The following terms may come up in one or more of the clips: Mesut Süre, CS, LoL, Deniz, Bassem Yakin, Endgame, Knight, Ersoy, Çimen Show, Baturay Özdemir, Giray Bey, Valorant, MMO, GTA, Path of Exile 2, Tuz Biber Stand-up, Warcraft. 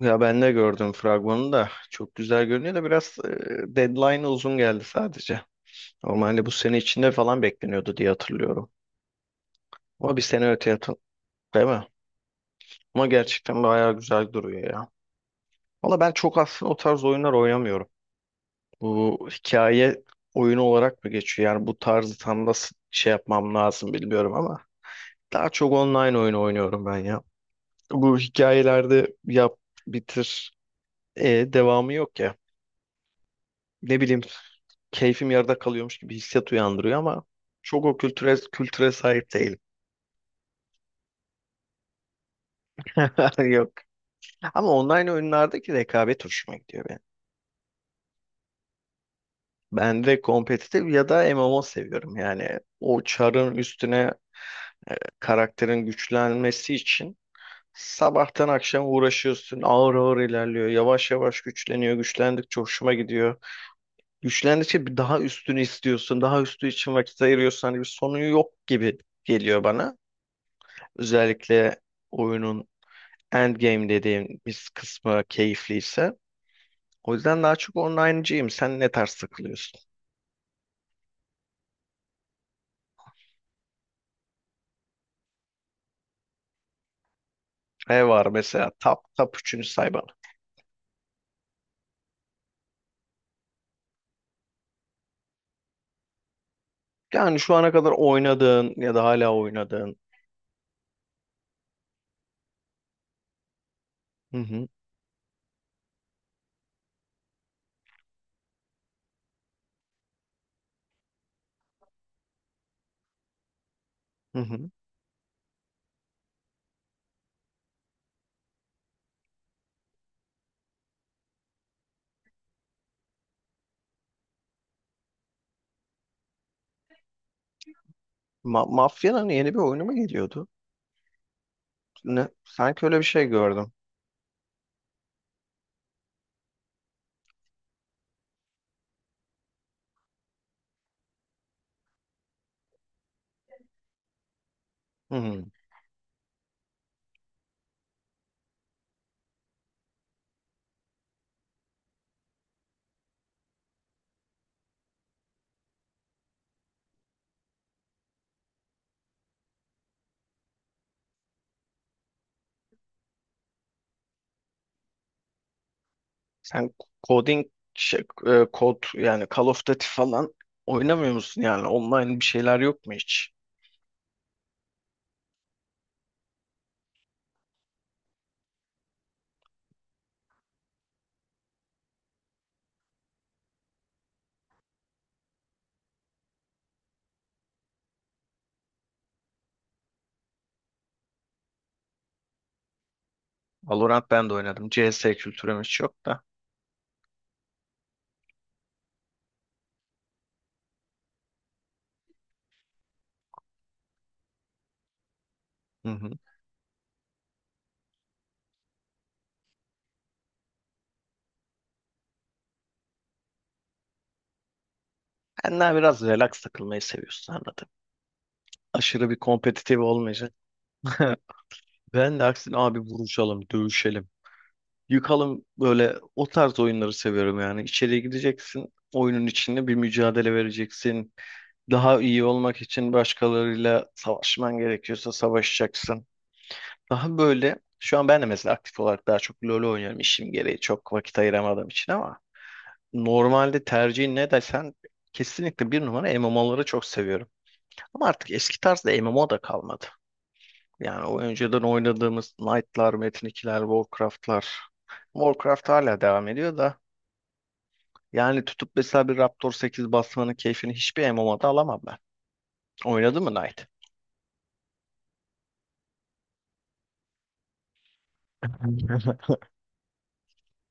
Ya ben de gördüm fragmanı da çok güzel görünüyor da biraz deadline uzun geldi sadece. Normalde bu sene içinde falan bekleniyordu diye hatırlıyorum. Ama bir sene öteye atıl değil mi? Ama gerçekten bayağı güzel duruyor ya. Valla ben çok aslında o tarz oyunlar oynamıyorum. Bu hikaye oyunu olarak mı geçiyor? Yani bu tarzı tam nasıl şey yapmam lazım bilmiyorum ama daha çok online oyun oynuyorum ben ya. Bu hikayelerde yap bitir devamı yok ya. Ne bileyim keyfim yarıda kalıyormuş gibi hissiyat uyandırıyor ama çok o kültüre sahip değilim. Yok. Ama online oyunlardaki rekabet hoşuma gidiyor benim. Ben de kompetitif ya da MMO seviyorum. Yani o çarın üstüne e, karakterin güçlenmesi için sabahtan akşam uğraşıyorsun. Ağır ağır ilerliyor. Yavaş yavaş güçleniyor. Güçlendikçe hoşuma gidiyor. Güçlendikçe bir daha üstünü istiyorsun. Daha üstü için vakit ayırıyorsun. Hani bir sonu yok gibi geliyor bana. Özellikle oyunun Endgame dediğim bir kısmı keyifliyse. O yüzden daha çok online'cıyım. Sen ne tarz takılıyorsun? Ne var mesela? Top üçünü say bana. Yani şu ana kadar oynadığın ya da hala oynadığın. Hı hı, hı hı. Mafya'nın yeni bir oyunu mu geliyordu? Ne? Sanki öyle bir şey gördüm. Hı hı. Sen coding, kod yani Call of Duty falan oynamıyor musun yani? Online bir şeyler yok mu hiç? Valorant ben de oynadım. CS kültürümüz çok da. Hı hı. Ben daha biraz relax takılmayı seviyorsun anladım. Aşırı bir kompetitif olmayacak. Ben de aksine abi vuruşalım, dövüşelim. Yıkalım böyle o tarz oyunları seviyorum yani. İçeriye gideceksin, oyunun içinde bir mücadele vereceksin. Daha iyi olmak için başkalarıyla savaşman gerekiyorsa savaşacaksın. Daha böyle şu an ben de mesela aktif olarak daha çok LoL oynuyorum işim gereği çok vakit ayıramadığım için ama normalde tercihin ne desen kesinlikle bir numara MMO'ları çok seviyorum. Ama artık eski tarzda MMO da kalmadı. Yani o önceden oynadığımız Knight'lar, Metin 2'ler, Warcraft'lar. Warcraft hala devam ediyor da yani tutup mesela bir Raptor 8 basmanın keyfini hiçbir MMO'da alamam ben. Oynadın mı Knight?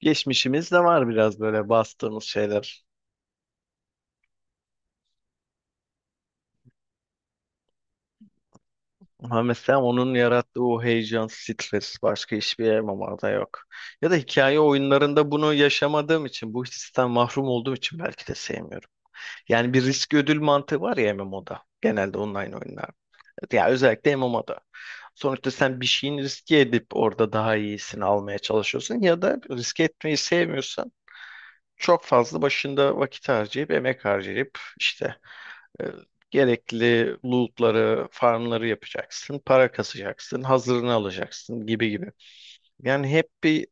Geçmişimiz de var biraz böyle bastığımız şeyler. Ha mesela onun yarattığı o heyecan, stres başka hiçbir elemanda yok. Ya da hikaye oyunlarında bunu yaşamadığım için, bu histen mahrum olduğum için belki de sevmiyorum. Yani bir risk ödül mantığı var ya MMO'da. Genelde online oyunlar. Ya özellikle MMO'da. Sonuçta sen bir şeyin riske edip orada daha iyisini almaya çalışıyorsun ya da riske etmeyi sevmiyorsan çok fazla başında vakit harcayıp emek harcayıp işte e, gerekli lootları, farmları yapacaksın, para kasacaksın, hazırını alacaksın gibi gibi. Yani hep bir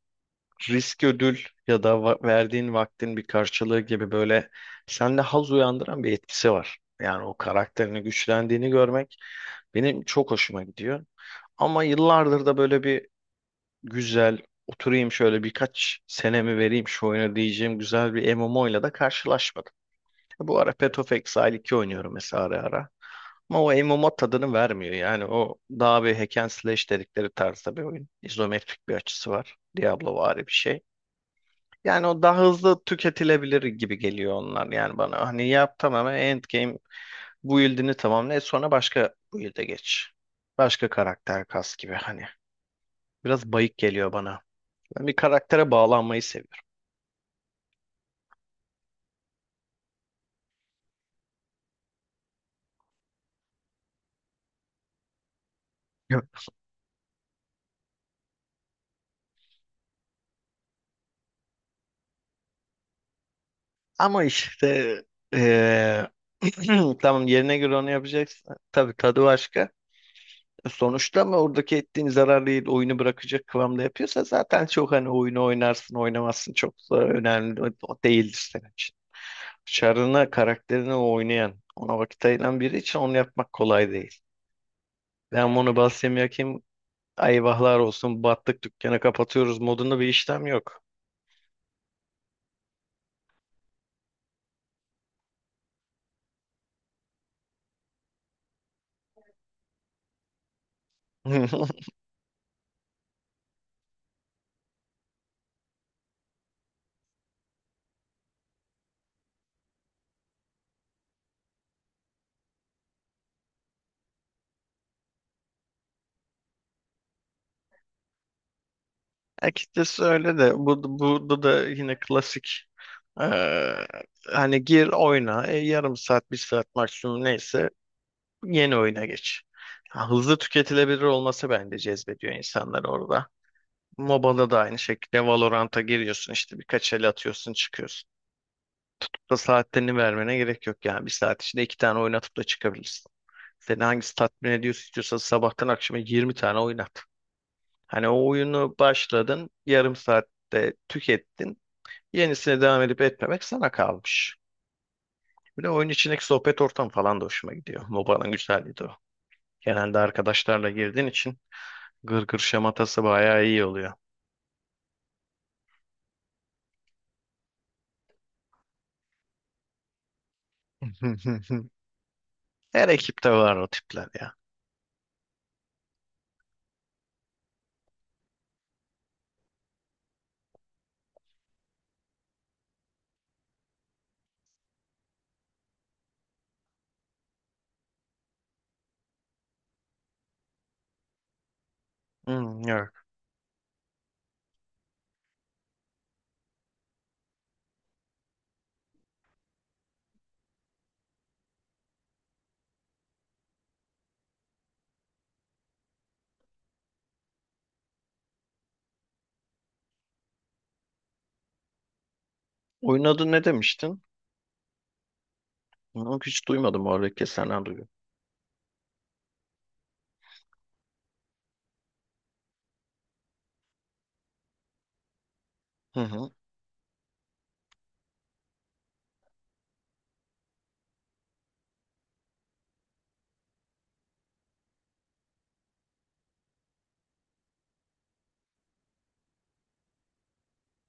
risk ödül ya da verdiğin vaktin bir karşılığı gibi böyle sende haz uyandıran bir etkisi var. Yani o karakterini güçlendiğini görmek benim çok hoşuma gidiyor. Ama yıllardır da böyle bir güzel oturayım şöyle birkaç senemi vereyim şu oyuna diyeceğim güzel bir MMO ile de karşılaşmadım. Bu ara Path of Exile 2 oynuyorum mesela ara ara. Ama o MMO tadını vermiyor. Yani o daha bir hack and slash dedikleri tarzda bir oyun. İzometrik bir açısı var. Diablovari bir şey. Yani o daha hızlı tüketilebilir gibi geliyor onlar yani bana. Hani yap tamamen endgame build'ini tamamla. E sonra başka build'e geç. Başka karakter kas gibi hani. Biraz bayık geliyor bana. Ben bir karaktere bağlanmayı seviyorum. Ya, ama işte eee, tamam yerine göre onu yapacaksın. Tabii tadı başka. Sonuçta ama oradaki ettiğin zararlı değil, oyunu bırakacak kıvamda yapıyorsa zaten çok hani oyunu oynarsın oynamazsın çok da önemli değildir senin için. Çarına karakterini oynayan ona vakit ayıran biri için onu yapmak kolay değil. Ben bunu Bassem Yakin eyvahlar olsun battık dükkanı kapatıyoruz modunda bir işlem yok. Açıkçası öyle de burada da yine klasik eee, hani gir oyna yarım saat bir saat maksimum neyse yeni oyuna geç. Ha, hızlı tüketilebilir olması bence cezbediyor insanları orada. MOBA'da da aynı şekilde Valorant'a giriyorsun işte birkaç el atıyorsun çıkıyorsun. Çok da saatlerini vermene gerek yok yani bir saat içinde iki tane oynatıp da çıkabilirsin. Seni hangisi tatmin ediyorsa istiyorsa sabahtan akşama 20 tane oynat. Hani o oyunu başladın yarım saatte tükettin yenisine devam edip etmemek sana kalmış. Bir de oyun içindeki sohbet ortamı falan da hoşuma gidiyor. MOBA'nın güzelliği de o. Genelde arkadaşlarla girdiğin için gırgır şematası bayağı iyi oluyor. Her ekipte var o tipler ya. Hmm, evet. Oyun adı ne demiştin? Yok, hiç duymadım oradaki senden duydum. Hı hı.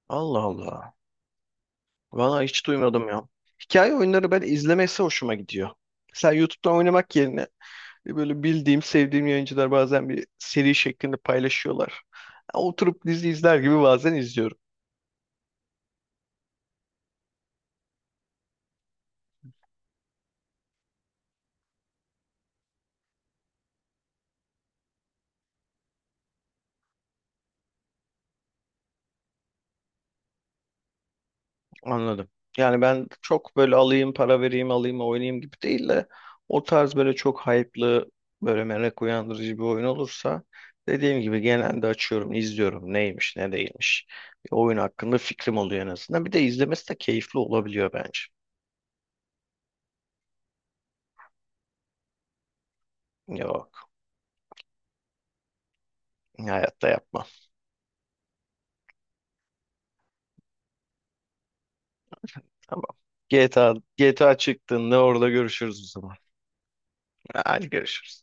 Allah Allah. Valla hiç duymadım ya. Hikaye oyunları ben izlemesi hoşuma gidiyor. Mesela YouTube'dan oynamak yerine böyle bildiğim, sevdiğim yayıncılar bazen bir seri şeklinde paylaşıyorlar. Oturup dizi izler gibi bazen izliyorum. Anladım. Yani ben çok böyle alayım para vereyim alayım oynayayım gibi değil de o tarz böyle çok hype'lı böyle merak uyandırıcı bir oyun olursa dediğim gibi genelde açıyorum izliyorum neymiş ne değilmiş. Bir oyun hakkında fikrim oluyor en azından. Bir de izlemesi de keyifli olabiliyor bence. Yok hayatta yapmam. Tamam. GTA çıktığında orada görüşürüz o zaman. Hadi görüşürüz.